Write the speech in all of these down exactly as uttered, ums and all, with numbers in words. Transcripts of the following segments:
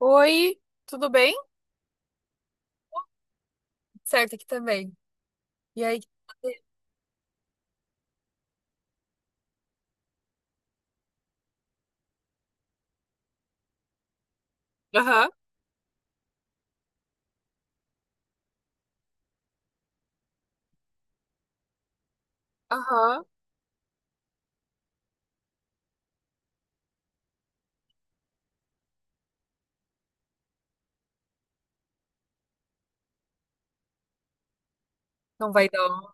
Oi, tudo bem? Certo aqui também. E aí? Aham, aham. Não vai não.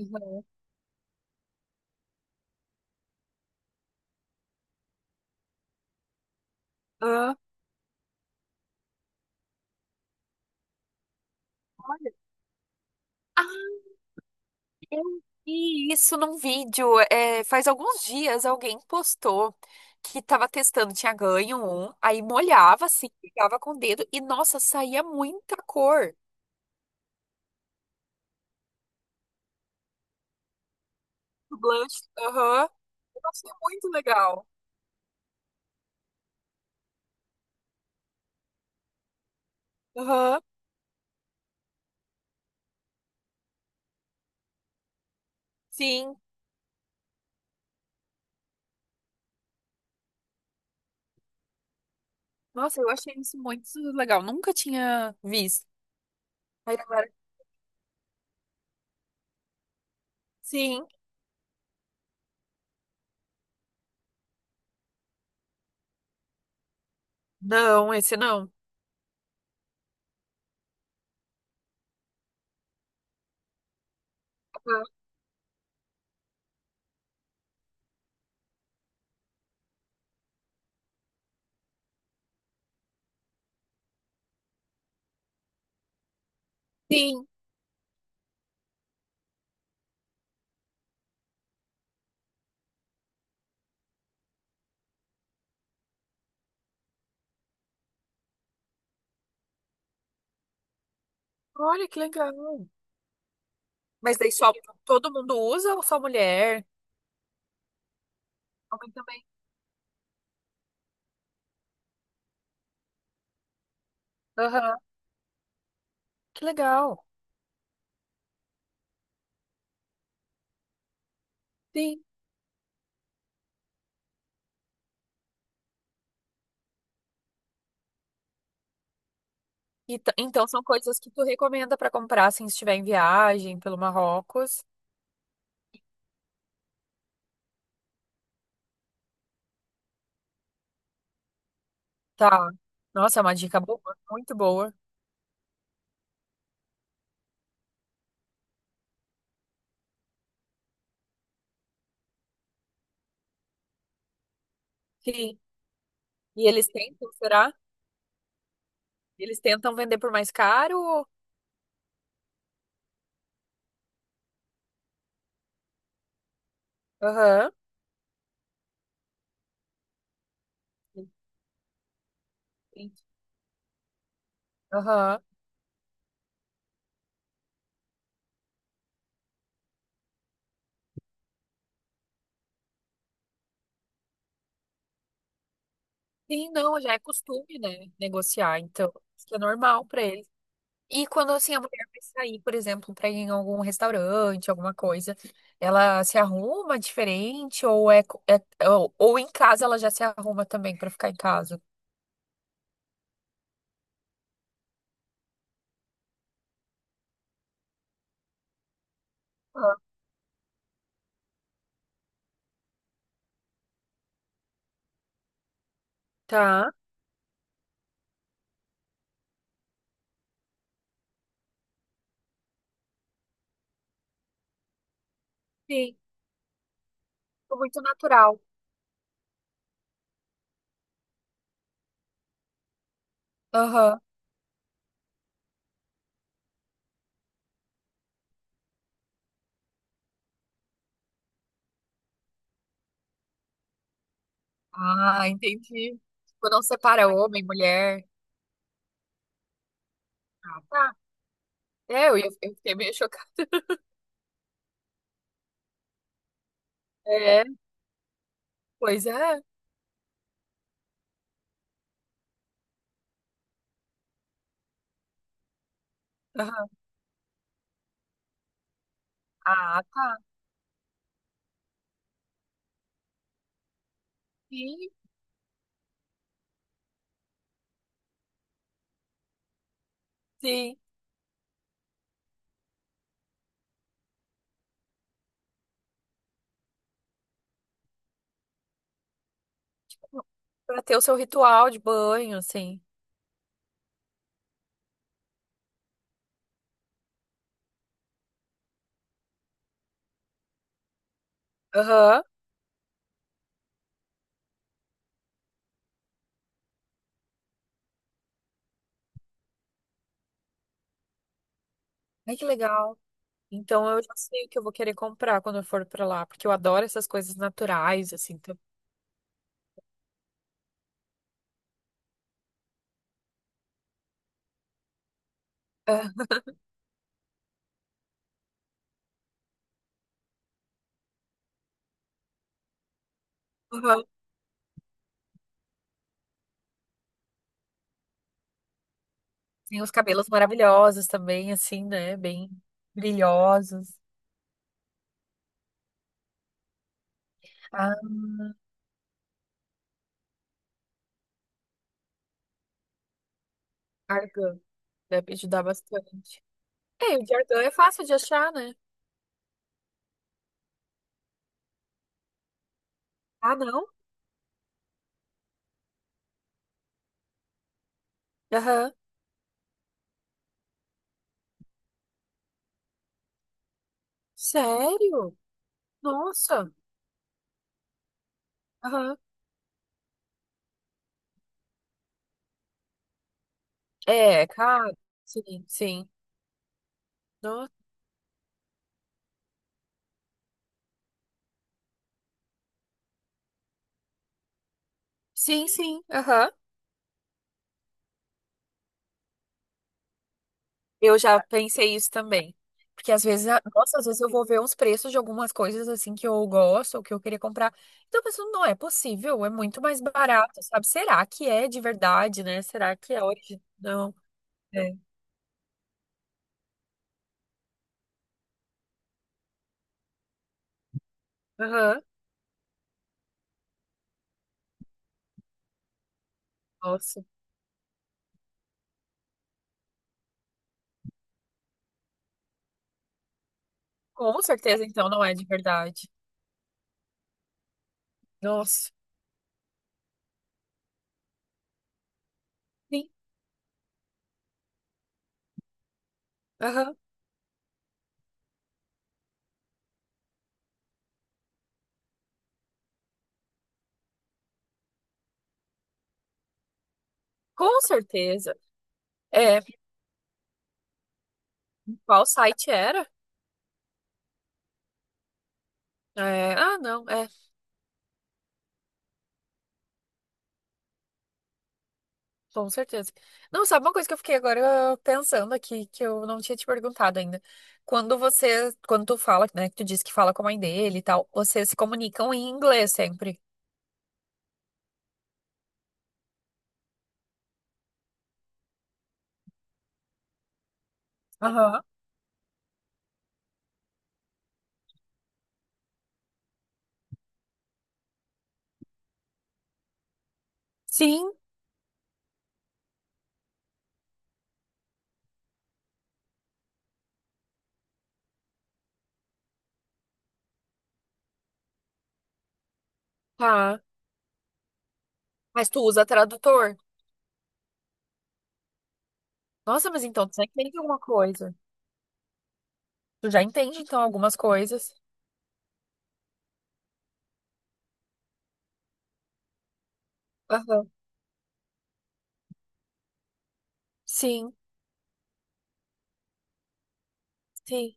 Aham. Ah, olha. Ah, eu vi isso num vídeo. É, faz alguns dias alguém postou que tava testando, tinha ganho um, aí molhava assim, pegava com o dedo e, nossa, saía muita cor. O Blush, aham. Eu achei muito legal. Aham, sim. Nossa, eu achei isso muito legal. Nunca tinha visto. Aí agora, sim. Não, esse não. Ah, sim. Olha que legal. Mas daí só todo mundo usa ou só mulher? Homem também. Aham. Que legal. Sim. E t- então são coisas que tu recomenda pra comprar assim, se estiver em viagem pelo Marrocos. Tá. Nossa, é uma dica boa, muito boa. Sim. E eles tentam, será? Eles tentam vender por mais caro? Aham. Sim. Aham. Sim, não, já é costume, né? Negociar, então. Isso é normal pra eles. E quando assim a mulher vai sair, por exemplo, para ir em algum restaurante, alguma coisa, ela se arruma diferente ou é, co- é- ou, ou em casa ela já se arruma também para ficar em casa? Aham. Tá. Sim, ficou muito natural. Aham. Ah, entendi. Tipo, não separa homem, mulher. Ah, tá. É, eu, ia- eu fiquei meio chocada. É. Pois é. Aham. Ah, tá. Sim, sim. Pra ter o seu ritual de banho, assim. Aham. Ai, que legal. Então eu já sei o que eu vou querer comprar quando eu for pra lá, porque eu adoro essas coisas naturais, assim. Então, ah, aham. Tem os cabelos maravilhosos também, assim, né? Bem brilhosos. Ah, argan deve ajudar bastante. É, o de argan é fácil de achar, né? Ah, não? Aham. Sério? Nossa. Aham. É, cara. Sim, sim. No- Sim, sim. Aham. Eu já pensei isso também. Porque às vezes, a- nossa, às vezes eu vou ver uns preços de algumas coisas assim que eu gosto ou que eu queria comprar. Então eu penso, não é possível, é muito mais barato, sabe? Será que é de verdade, né? Será que é original? Não. É. Aham. Nossa. Com certeza, então, não é de verdade. Nossa. Sim. Aham. Com certeza. É. Qual site era? É, ah, não. É com certeza. Não, sabe uma coisa que eu fiquei agora pensando aqui, que eu não tinha te perguntado ainda. Quando você, quando tu fala, né, que tu disse que fala com a mãe dele e tal, vocês se comunicam em inglês sempre. Aham. Sim. Tá. Mas tu usa tradutor. Nossa, mas então tu já entende alguma coisa. Tu já entende, então, algumas coisas. Aham. Sim, sim.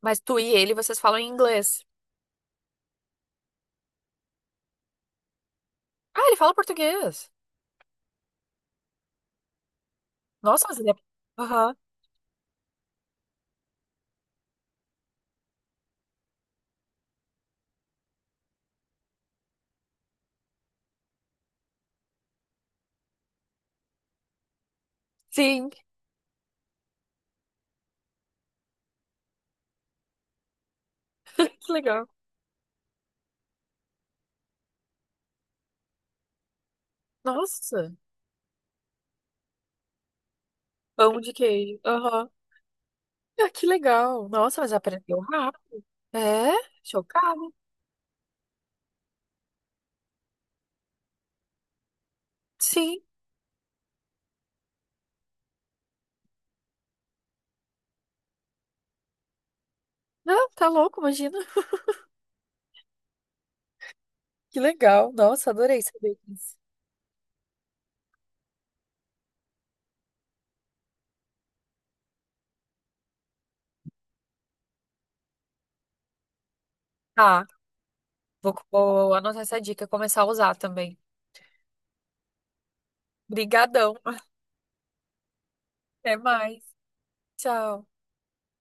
Mas tu e ele, vocês falam em inglês. Ah, ele fala português. Nossa, mas ele é... Aham. Sim. Que legal. Nossa. Pão de queijo. Aham. Ah, que legal. Nossa, mas aprendeu rápido. É, chocada. Sim. Não, tá louco, imagina. Que legal. Nossa, adorei saber disso. Tá, vou, vou anotar essa dica e começar a usar também. Brigadão. Até mais. Tchau.